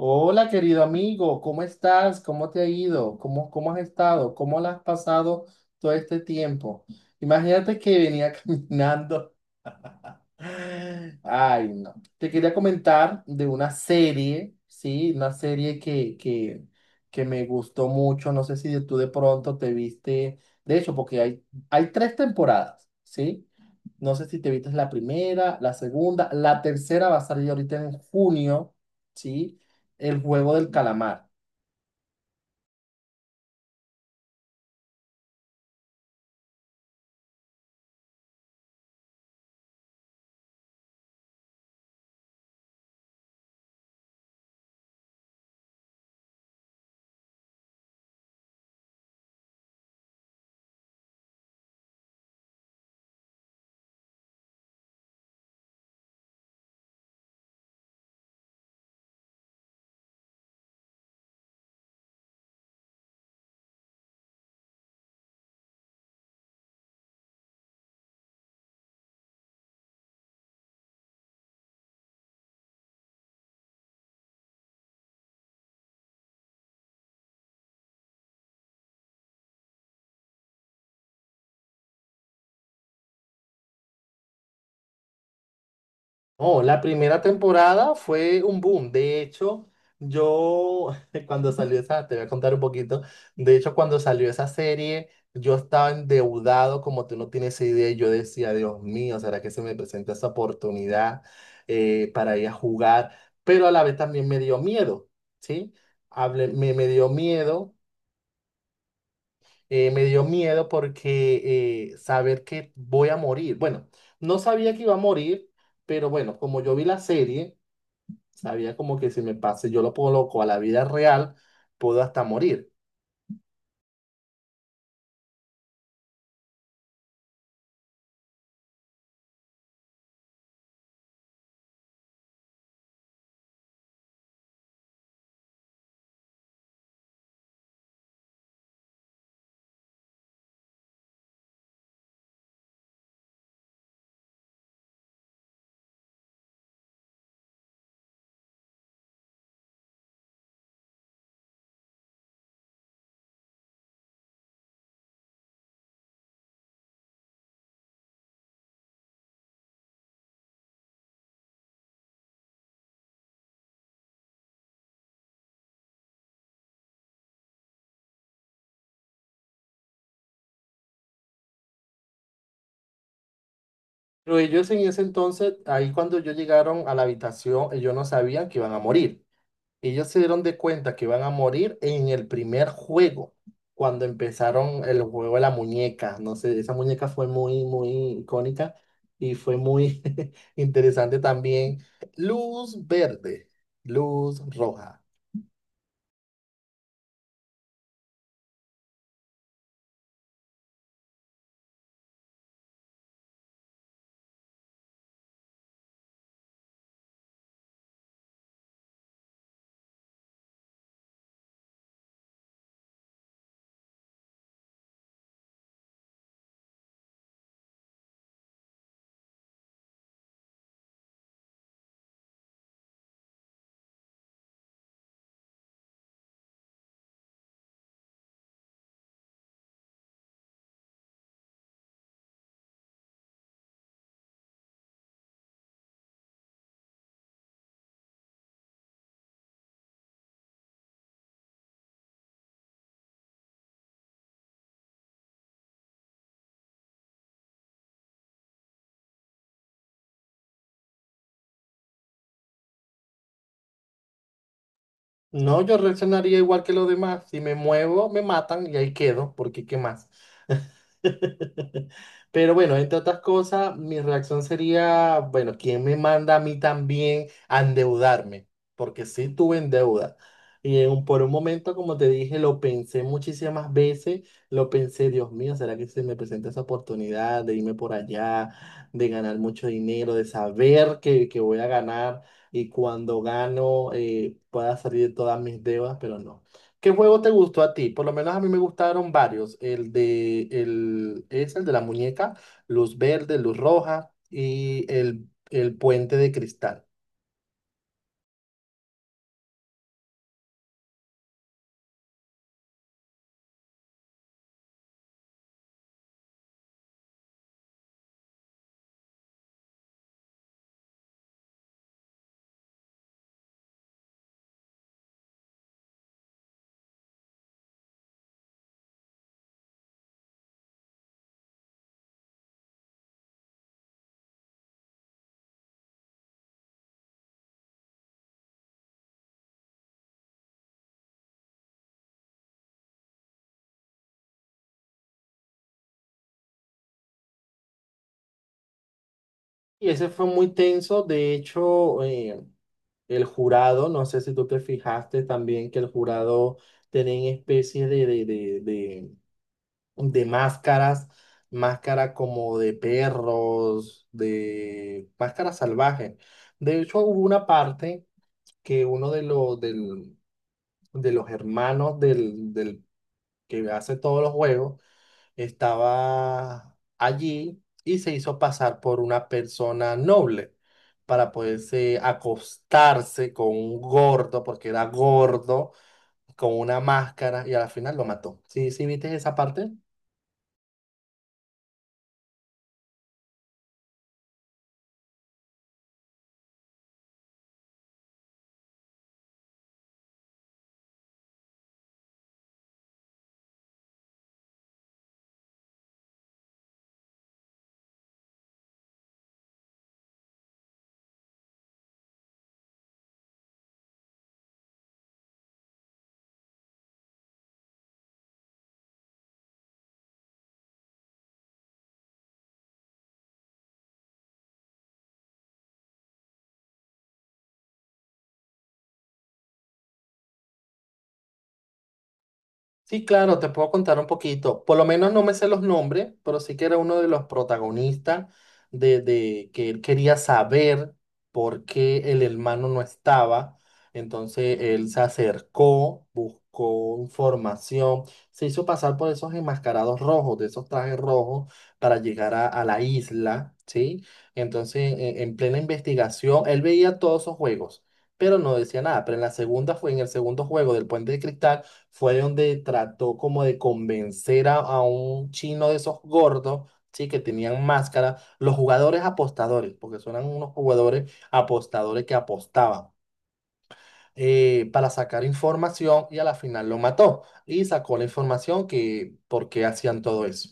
Hola, querido amigo, ¿cómo estás? ¿Cómo te ha ido? ¿Cómo has estado? ¿Cómo la has pasado todo este tiempo? Imagínate que venía caminando. Ay, no. Te quería comentar de una serie, ¿sí? Una serie que me gustó mucho. No sé si tú de pronto te viste. De hecho, porque hay tres temporadas, ¿sí? No sé si te viste la primera, la segunda, la tercera va a salir ahorita en junio, ¿sí? El juego del calamar. Oh, la primera temporada fue un boom. De hecho, yo cuando salió esa, te voy a contar un poquito. De hecho, cuando salió esa serie, yo estaba endeudado como tú no tienes idea. Yo decía, Dios mío, ¿será que se me presenta esa oportunidad para ir a jugar? Pero a la vez también me dio miedo, ¿sí? Me dio miedo me dio miedo porque saber que voy a morir. Bueno, no sabía que iba a morir, pero bueno, como yo vi la serie, sabía como que si me pase, yo lo coloco a la vida real, puedo hasta morir. Pero ellos en ese entonces, ahí cuando yo llegaron a la habitación, ellos no sabían que iban a morir. Ellos se dieron de cuenta que iban a morir en el primer juego, cuando empezaron el juego de la muñeca. No sé, esa muñeca fue muy, muy icónica y fue muy interesante también. Luz verde, luz roja. No, yo reaccionaría igual que los demás. Si me muevo, me matan y ahí quedo, porque ¿qué más? Pero bueno, entre otras cosas, mi reacción sería, bueno, ¿quién me manda a mí también a endeudarme? Porque sí tuve en deuda. Y en por un momento, como te dije, lo pensé muchísimas veces, lo pensé, Dios mío, ¿será que se me presenta esa oportunidad de irme por allá, de ganar mucho dinero, de saber que voy a ganar? Y cuando gano pueda salir de todas mis deudas, pero no. ¿Qué juego te gustó a ti? Por lo menos a mí me gustaron varios. El de el es el de la muñeca, luz verde, luz roja y el puente de cristal. Y ese fue muy tenso. De hecho, el jurado, no sé si tú te fijaste también que el jurado tenía especies de máscaras, máscara como de perros, de máscaras salvajes. De hecho, hubo una parte que uno de de los hermanos del que hace todos los juegos estaba allí y se hizo pasar por una persona noble para poderse acostarse con un gordo, porque era gordo, con una máscara y al final lo mató. ¿Sí, sí viste esa parte? Sí, claro, te puedo contar un poquito. Por lo menos no me sé los nombres, pero sí que era uno de los protagonistas de que él quería saber por qué el hermano no estaba. Entonces él se acercó, buscó información, se hizo pasar por esos enmascarados rojos, de esos trajes rojos, para llegar a la isla, ¿sí? Entonces, en plena investigación, él veía todos esos juegos, pero no decía nada. Pero en la segunda fue, en el segundo juego del Puente de Cristal fue donde trató como de convencer a un chino de esos gordos, sí, que tenían máscara, los jugadores apostadores, porque son eran unos jugadores apostadores que apostaban. Para sacar información y a la final lo mató y sacó la información que por qué hacían todo eso.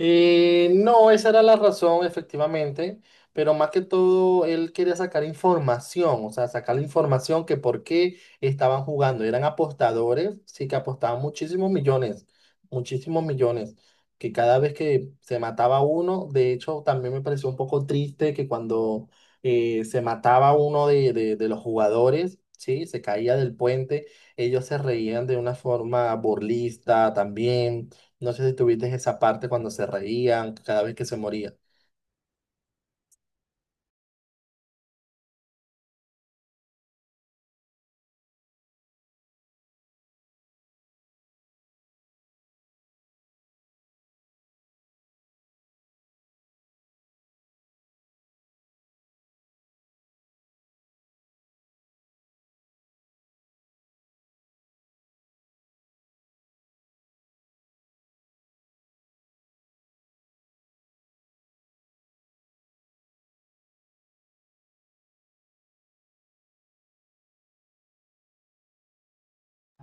No, esa era la razón, efectivamente, pero más que todo él quería sacar información, o sea, sacar la información que por qué estaban jugando. Eran apostadores, sí que apostaban muchísimos millones, que cada vez que se mataba uno, de hecho, también me pareció un poco triste que cuando se mataba uno de los jugadores, sí, se caía del puente, ellos se reían de una forma burlista también. No sé si tuviste esa parte cuando se reían cada vez que se moría.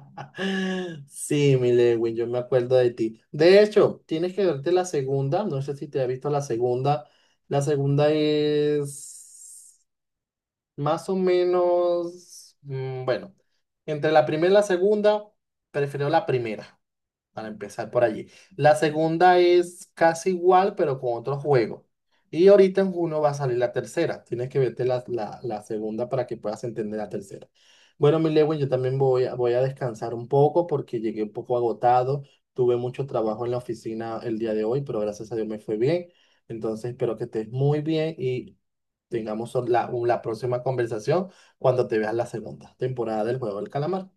Sí, mi Lewin, yo me acuerdo de ti. De hecho, tienes que verte la segunda. No sé si te has visto la segunda. La segunda es más o menos, mm, bueno, entre la primera y la segunda, prefiero la primera, para empezar por allí. La segunda es casi igual, pero con otro juego. Y ahorita en junio va a salir la tercera. Tienes que verte la segunda para que puedas entender la tercera. Bueno, mi Lewin, yo también voy a descansar un poco porque llegué un poco agotado. Tuve mucho trabajo en la oficina el día de hoy, pero gracias a Dios me fue bien. Entonces espero que estés muy bien y tengamos la próxima conversación cuando te veas la segunda temporada del Juego del Calamar.